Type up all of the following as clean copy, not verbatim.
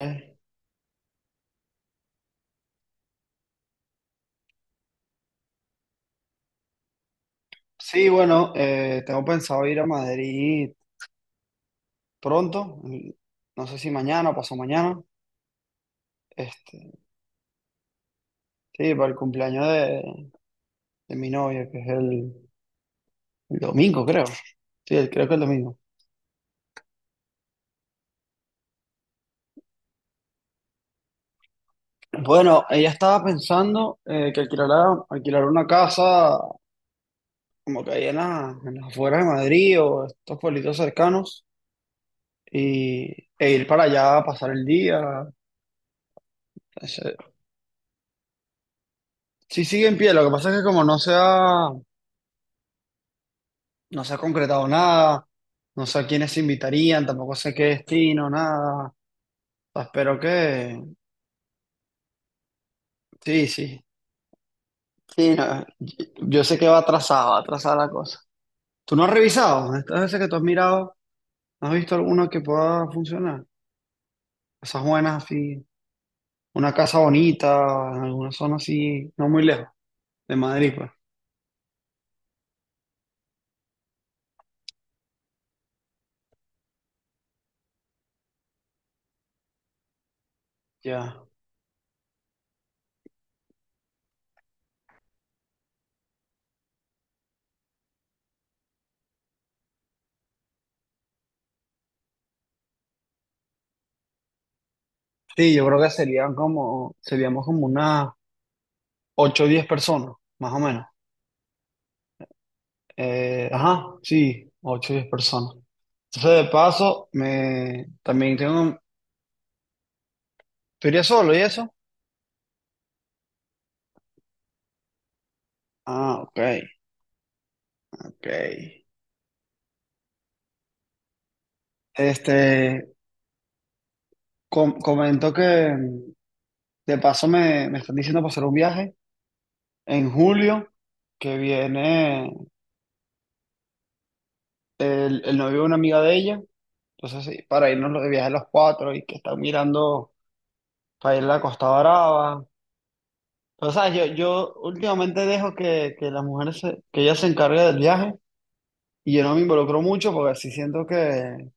Eh, Sí, bueno, tengo pensado ir a Madrid pronto, no sé si mañana o pasado mañana, este, sí, para el cumpleaños de mi novia, que es el domingo, creo. Sí, creo que el domingo. Bueno, ella estaba pensando que alquilar una casa como que ahí en las afueras de Madrid o estos pueblitos cercanos y, e ir para allá a pasar el día. Ese- Sí, sigue en pie, lo que pasa es que como no se ha No se ha concretado nada, no sé a quiénes se invitarían, tampoco sé qué destino, nada. Espero que... Sí, sí, sí, no, yo sé que va atrasada la cosa. ¿Tú no has revisado? Estas veces que tú has mirado, ¿no has visto alguna que pueda funcionar? Esas buenas así, una casa bonita, en alguna zona así, no muy lejos, de Madrid, pues. Ya. Sí, yo creo que seríamos como unas 8 o 10 personas, más o menos. Ajá, sí, 8 o 10 personas. Entonces, de paso, me también tengo un... ¿Tú irías solo y eso? Ah, ok, ok. Este, comentó que mm, de paso me están diciendo para hacer un viaje en julio, que viene el novio de una amiga de ella. Entonces, sí, para irnos de viaje los cuatro y que están mirando para ir a la Costa Brava. Pero, ¿sabes? Yo últimamente dejo que las mujeres, que ellas se encarguen del viaje y yo no me involucro mucho porque así siento que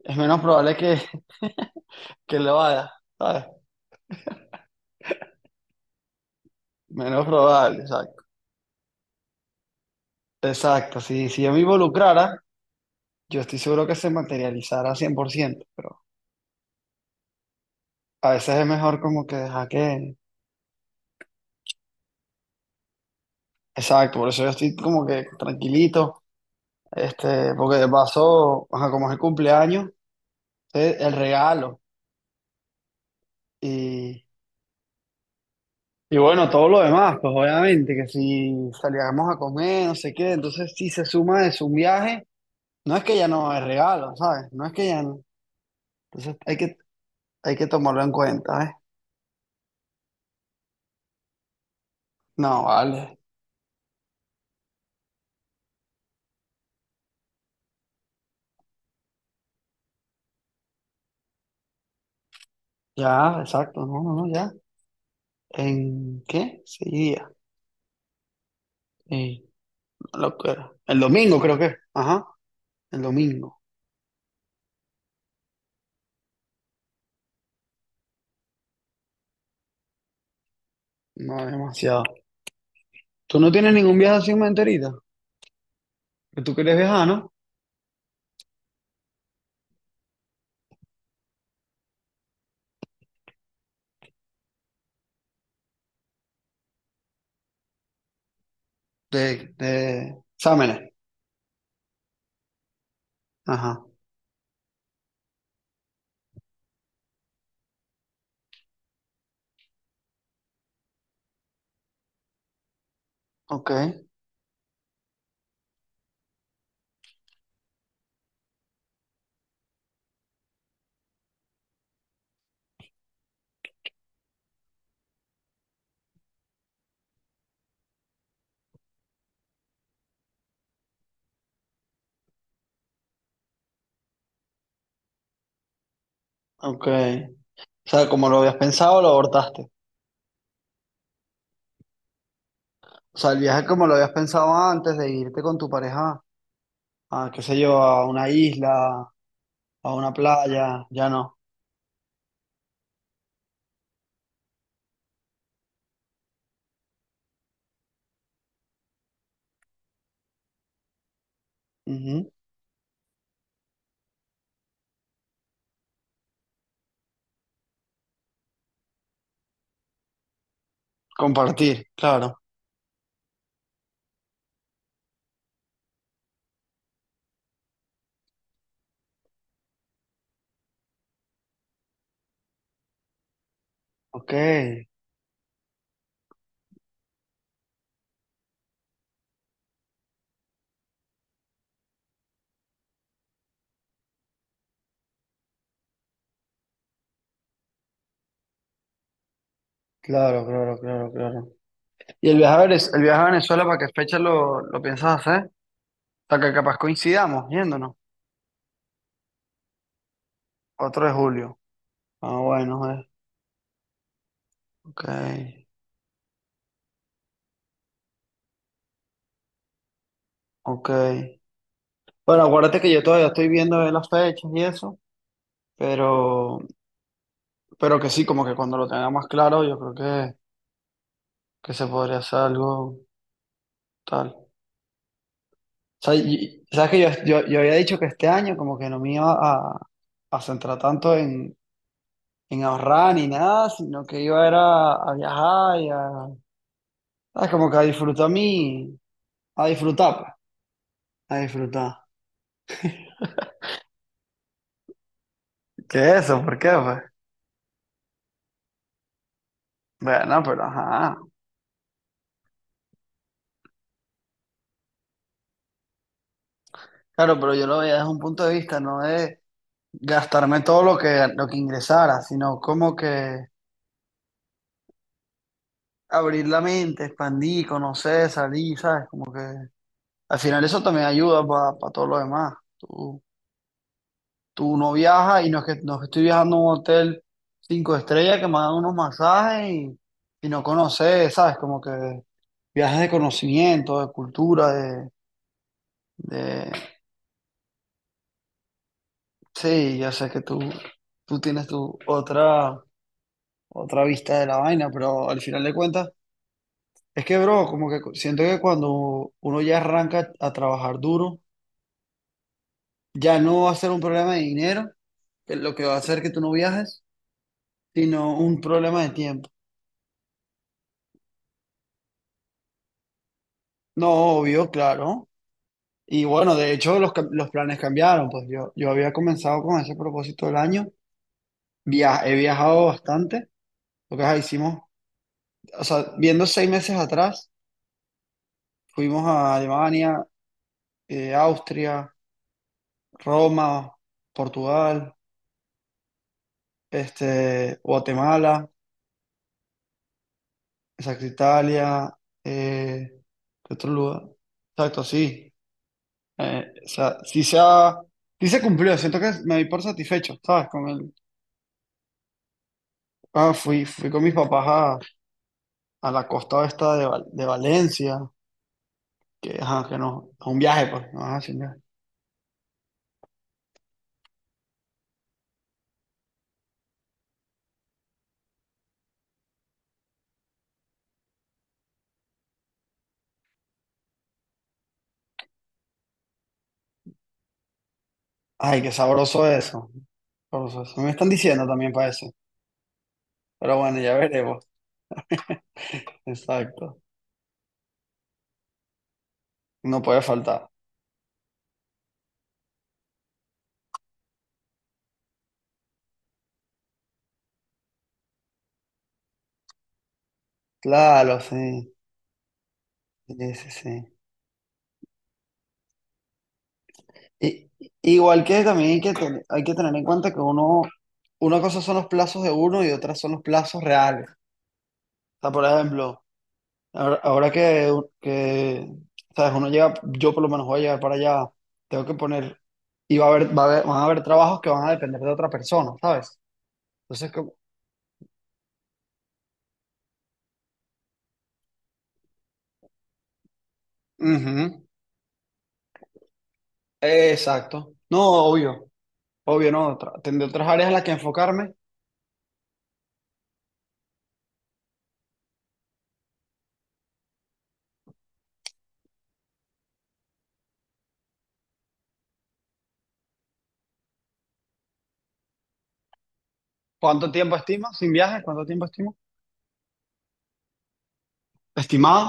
es menos probable que le vaya, ¿sabes? Menos probable, exacto. Exacto, si yo me involucrara, yo estoy seguro que se materializara 100%, pero a veces es mejor como que dejar que... Exacto, por eso yo estoy como que tranquilito, porque de paso, ajá, como es el cumpleaños, es el regalo y, y bueno, todo lo demás, pues obviamente, que si salíamos a comer, no sé qué, entonces si se suma de su viaje, no es que ya no es regalo, ¿sabes? No es que ya no. Entonces hay que tomarlo en cuenta, ¿eh? No, vale. Ya, exacto. No, no, no, ya. ¿En qué? 6 días. Eh, una locura. El domingo creo que. Ajá. El domingo. No, demasiado. ¿Tú no tienes ningún viaje así en mente ahorita? Que tú quieres viajar, ¿no? De exámenes. Ajá. Ok, ok. O sea, como lo habías pensado, lo abortaste. O sea, el viaje como lo habías pensado antes de irte con tu pareja a, qué sé yo, a una isla, a una playa, ya no. Ujú. Compartir, claro. Ok. Claro, claro, claro, claro. ¿Y el viaje a Venezuela, para qué fecha lo piensas hacer? Hasta que capaz coincidamos yéndonos. 4 de julio. Ah, bueno, eh. Ok, ok. Bueno, acuérdate que yo todavía estoy viendo de las fechas y eso, pero, que sí, como que cuando lo tenga más claro, yo creo que se podría hacer algo tal. O sea, sabes que yo había dicho que este año como que no me iba a centrar tanto en ahorrar ni nada, sino que iba era a viajar y a, ¿sabes? Como que a disfrutar a disfrutar, pues, a disfrutar. ¿Qué es eso? ¿Por qué, pues? Bueno, pero ajá. Claro, pero yo lo veía desde un punto de vista, no de gastarme todo lo que ingresara, sino como que abrir la mente, expandir, conocer, salir, ¿sabes? Como que al final eso también ayuda para todo lo demás. Tú no viajas y no es no es que estoy viajando a un hotel cinco estrellas que me dan unos masajes y no conoces, ¿sabes? Como que viajes de conocimiento, de cultura, de... Sí, ya sé que tú tienes tu otra vista de la vaina, pero al final de cuentas, es que, bro, como que siento que cuando uno ya arranca a trabajar duro, ya no va a ser un problema de dinero, que es lo que va a hacer que tú no viajes, sino un problema de tiempo. No, obvio, claro. Y bueno, de hecho los planes cambiaron, pues yo había comenzado con ese propósito del año. He viajado bastante, lo que ajá, hicimos, o sea, viendo 6 meses atrás, fuimos a Alemania, Austria, Roma, Portugal, Guatemala, exacto, Italia, eh, ¿qué otro lugar? Exacto, sí. O sea, sí se cumplió, siento que me di por satisfecho, ¿sabes? Con el, ah, fui con mis papás a la costa esta de Valencia, que, ajá, que no, es un viaje, pues, no vas a sin. Ay, qué sabroso eso. Sabroso eso. Me están diciendo también para eso. Pero bueno, ya veremos. Exacto. No puede faltar. Claro, sí. Sí, sí, sí. Y, igual que también hay que tener en cuenta que uno, una cosa son los plazos de uno y otra son los plazos reales. O sea, por ejemplo, ahora que, sabes, uno llega, yo por lo menos voy a llegar para allá, tengo que poner, y van a haber trabajos que van a depender de otra persona, ¿sabes? Entonces, como, ujú, exacto. No, obvio, obvio, no. Tendré otras áreas en las que enfocarme. ¿Cuánto tiempo estima sin viaje? ¿Cuánto tiempo estima? Estimado,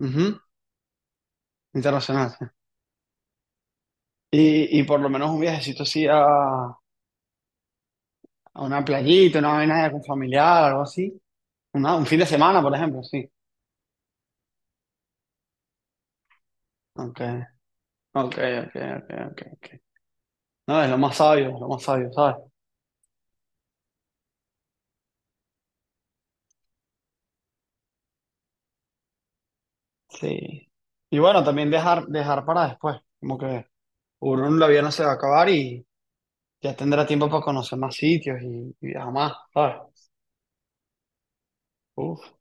ujú, internacional. Sí. Y por lo menos un viajecito así a una playita, una vaina con familiar, algo así. Un fin de semana, por ejemplo, sí. Ok. Ok, ok, ok, ok, ok. No, es lo más sabio, es lo más sabio, ¿sabes? Sí. Y bueno, también dejar para después, como que uno la vida no se va a acabar y ya tendrá tiempo para conocer más sitios y viajar más, ¿sabes? Uf.